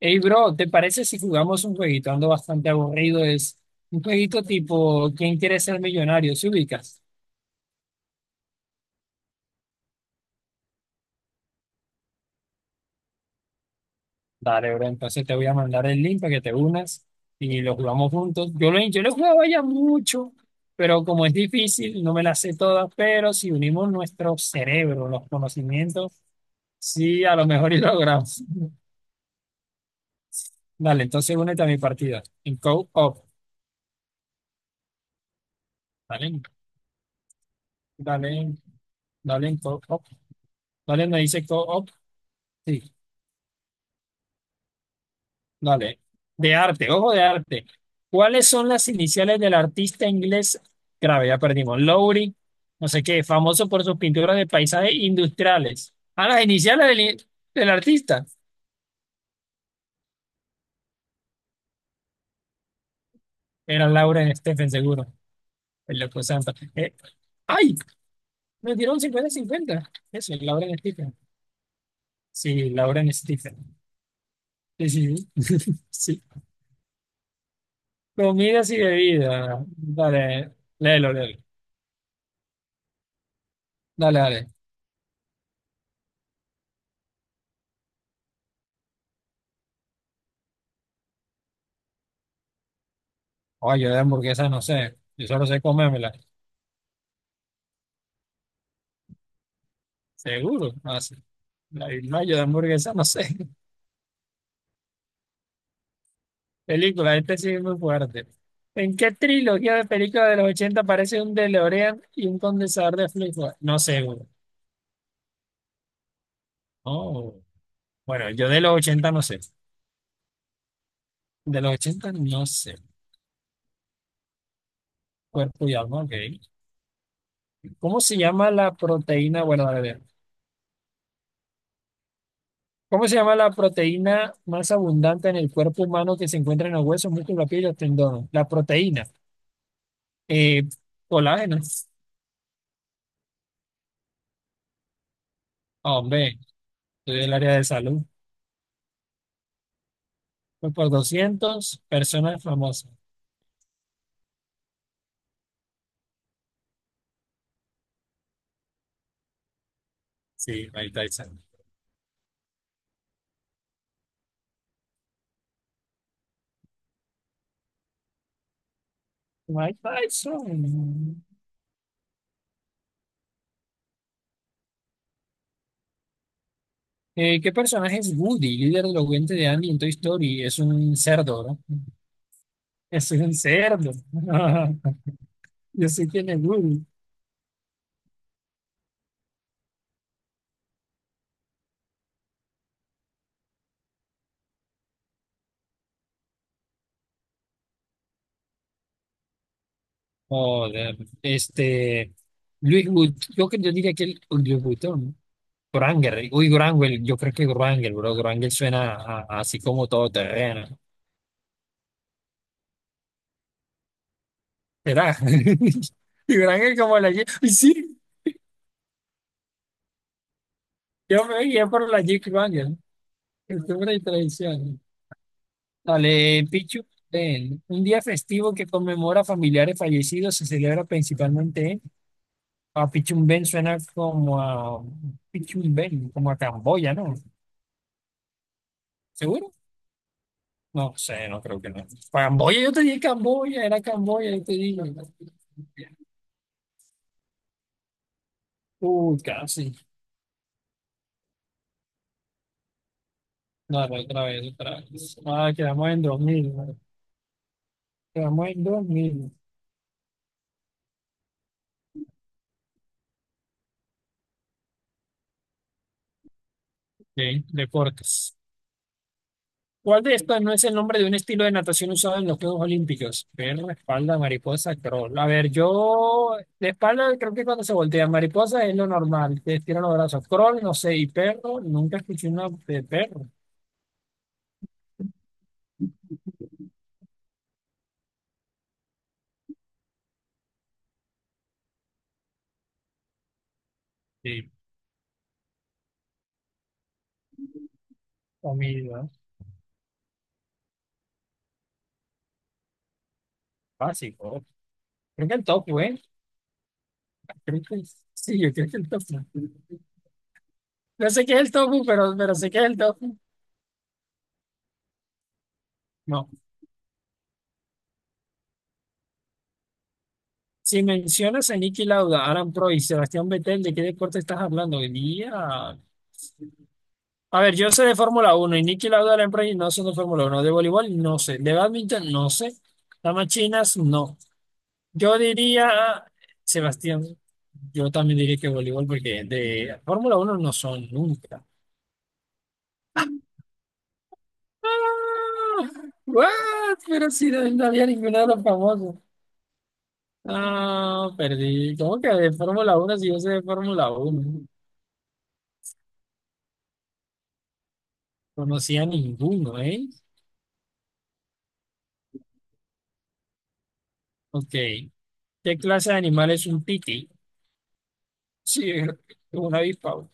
Hey, bro, ¿te parece si jugamos un jueguito? Ando bastante aburrido. Es un jueguito tipo ¿Quién quiere ser millonario? ¿Se ubicas? Dale, bro, entonces te voy a mandar el link para que te unas y lo jugamos juntos. Yo lo jugaba ya mucho, pero como es difícil, no me las sé todas, pero si unimos nuestro cerebro, los conocimientos, sí, a lo mejor y logramos. Dale, entonces únete a mi partida. En co-op. Dale, dale, dale en co-op. Dale, me dice co-op. Sí. Dale, de arte, ojo de arte. ¿Cuáles son las iniciales del artista inglés? Grave, ya perdimos. Lowry, no sé qué, famoso por sus pinturas de paisajes industriales. Ah, las iniciales del artista. Era Lauren Stephen, seguro. El loco Santa. ¡Ay! Me dieron 50 cincuenta. Eso, Lauren Stephen. Sí, Lauren Stephen. Sí, sí, sí. Sí. Comidas y bebidas. Dale, léelo, léelo. Dale, dale. Oye, yo de hamburguesa no sé. Yo solo sé comérmela. Seguro, no sé. La Big Mac, yo de hamburguesa, no sé. Película, este sí es muy fuerte. ¿En qué trilogía de películas de los 80 aparece un DeLorean y un condensador de flujo? No sé, güey. Oh. Bueno, yo de los 80 no sé. De los 80 no sé. Cuerpo y alma, ok. ¿Cómo se llama la proteína? Bueno, a ver. ¿Cómo se llama la proteína más abundante en el cuerpo humano que se encuentra en los huesos, músculos, la piel y los tendones? La proteína. Eh, colágeno. Ah, hombre, estoy del área de salud. Fue por 200. Personas famosas. Sí, Mike Tyson. Mike Tyson. ¿Qué personaje es Woody, líder elocuente de Andy en Toy Story? Es un cerdo, ¿no? Es un cerdo. Yo sé quién es Woody. Joder. Este. Luis Wood. Yo, yo diría que el Luis Vuitton, ¿no? Granger. Uy, Granger. Yo creo que Granger, bro. Granger suena así como todo terreno. ¿Será? Y Granger como la Jeep. Sí, yo me guié por la Jeep Granger. Cultura y tradiciones. Dale, Pichu. Ven, un día festivo que conmemora familiares fallecidos se celebra principalmente en a Pichumbén, suena como a Pichumbén, como a Camboya, ¿no? ¿Seguro? No sé, no creo que no. Camboya, yo te dije Camboya, era Camboya, yo te dije. Uy, casi. Dale, otra vez, otra vez. Ah, quedamos en 2000, ¿no? Quedamos en 2000. Ok, deportes. ¿Cuál de estos no es el nombre de un estilo de natación usado en los Juegos Olímpicos? Perro, espalda, mariposa, crawl. A ver, yo de espalda creo que cuando se voltea mariposa es lo normal, te estiran los brazos. Crawl, no sé, y perro, nunca escuché una de perro. Sí, comida, básico. Creo que el tofu, ¿eh? Creo que sí, yo creo que el tofu. No sé qué es el tofu, pero sé qué es el tofu. No. Si mencionas a Niki Lauda, Alan Proy, y Sebastián Vettel, ¿de qué deporte estás hablando? Día. A ver, yo sé de Fórmula 1 y Niki Lauda la empresa no sé de Fórmula 1. De voleibol no sé. De badminton no sé. Damas chinas no. Yo diría, Sebastián, yo también diría que voleibol porque de Fórmula 1 no son nunca. Ah, what? Pero si no, no había ninguno de los famosos. Ah, perdí. ¿Cómo que de Fórmula 1 si yo sé de Fórmula 1? Conocía ninguno, ¿eh? Ok. ¿Qué clase de animal es un piti? Sí, un avispavo.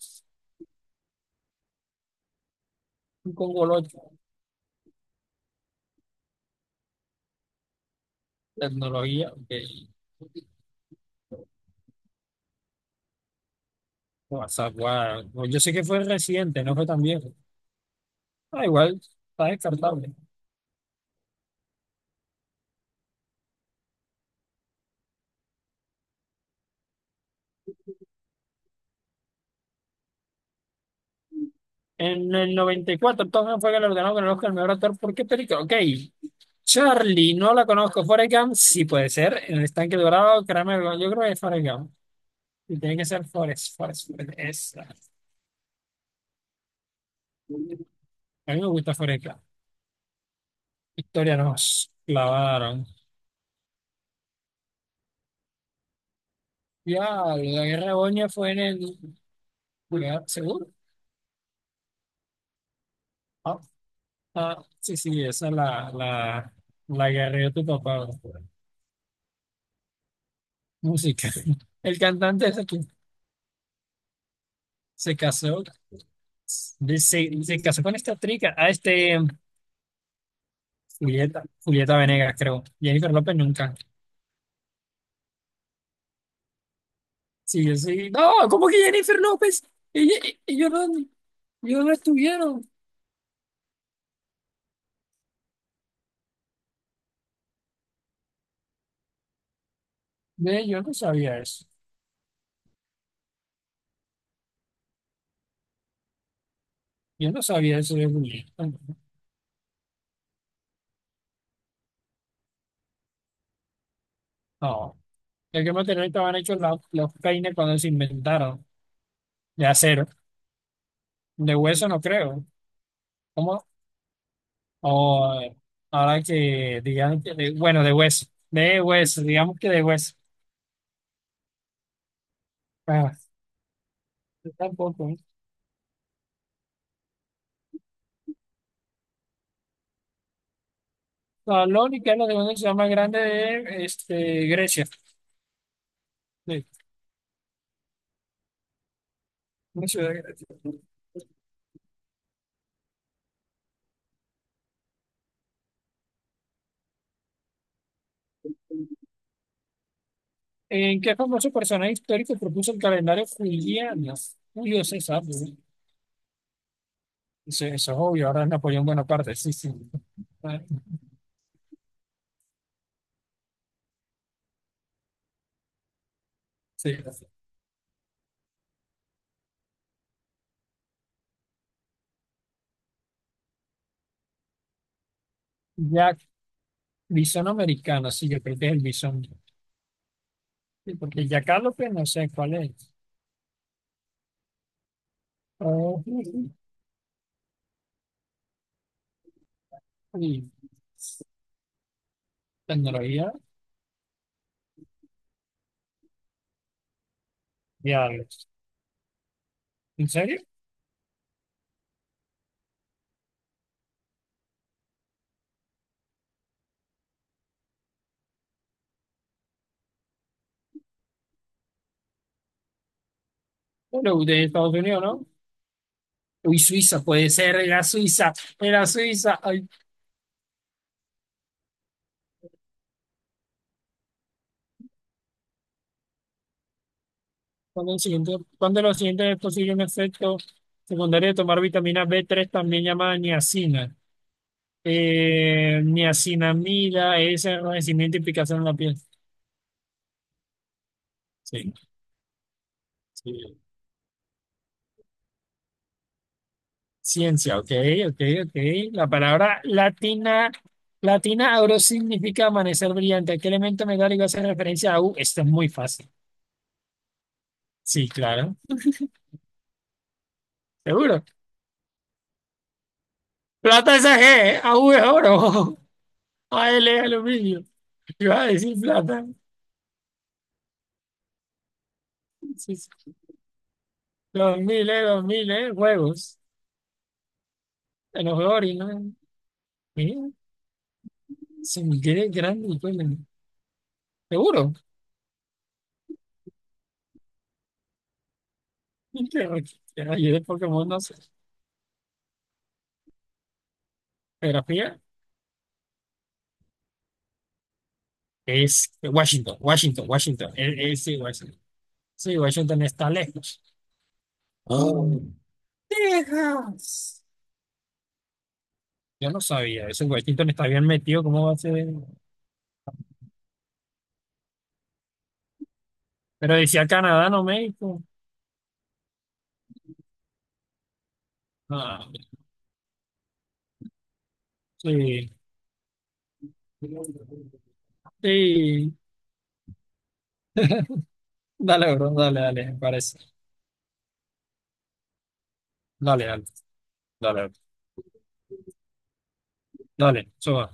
Con Congolo tecnología que WhatsApp, guau. Pues yo sé que fue reciente, no fue tan viejo. Ah, igual, está descartable. En el 94, Tom fue galardonado con el Oscar al mejor actor. ¿Por qué película? Ok. Charlie, no la conozco. Forrest Gump, sí puede ser. En el estanque dorado, Kramer, yo creo que es Forrest Gump. Y tiene que ser Forrest, Forrest, Forrest, esa. A mí me gusta Forrest Gump. Historia nos clavaron. Ya, la guerra de Boña fue en el... lugar. ¿Seguro? Ah, ah, sí, sí, esa es la guerrilla de tu papá. Música. El cantante ese que se casó, se casó con esta trica, a este Julieta, Julieta Venegas, creo. Jennifer López nunca. Sí, yo sí. No, ¿cómo que Jennifer López? Ella- e- Ellos, no, ellos no estuvieron. Ve, yo no sabía eso. Yo no sabía eso de Julieta. No. El que material estaban hechos los peines cuando se inventaron. De acero. De hueso no creo. ¿Cómo? O ahora que, digamos que, bueno, de hueso, digamos que de hueso. Ah, yo tampoco. ¿Eh? No, lo único es lo de una ciudad más grande de este, Grecia. Sí, una ciudad de Grecia. ¿En qué famoso personaje histórico propuso el calendario juliano? Julio César, ¿no? Eso es obvio, ahora es Napoleón Bonaparte, sí, sí. Ah, sí. Jack, bisón americano, sí, yo creo que es el bisón. Sí, porque Jack López no sé cuál es. Oh. Mm. Tecnología, diablos. ¿En serio? Bueno, de Estados Unidos, ¿no? Uy, Suiza, puede ser, era Suiza, era Suiza. Ay, ¿cuándo el siguiente, cuando lo siguiente es posible un efecto secundario de tomar vitamina B3, también llamada niacina? Niacinamida es enrojecimiento y picazón en la piel. Sí, sí. Ciencia, ok, ok, ok. La palabra latina, latina auro significa amanecer brillante. ¿A qué elemento metálico hace referencia a U? Esto es muy fácil. Sí, claro, seguro. Plata es AG, ¿eh? AU es oro, AL es aluminio. Yo iba a decir plata. Sí, sí. Los miles, juegos. En los juegos, ¿no? Mira, se me quiere grande el pelo. Seguro. Yo de Pokémon no sé. Geografía. Es Washington, Washington, Washington. Es, sí, Washington. Sí, Washington está lejos. Ah, Texas. Yo no sabía eso. Washington está bien metido. ¿Cómo va a ser? Pero decía Canadá, no México. Ah, sí. Sí. Dale, bro. Dale, dale. Me parece. Dale, dale. Dale, dale. Dale, suba.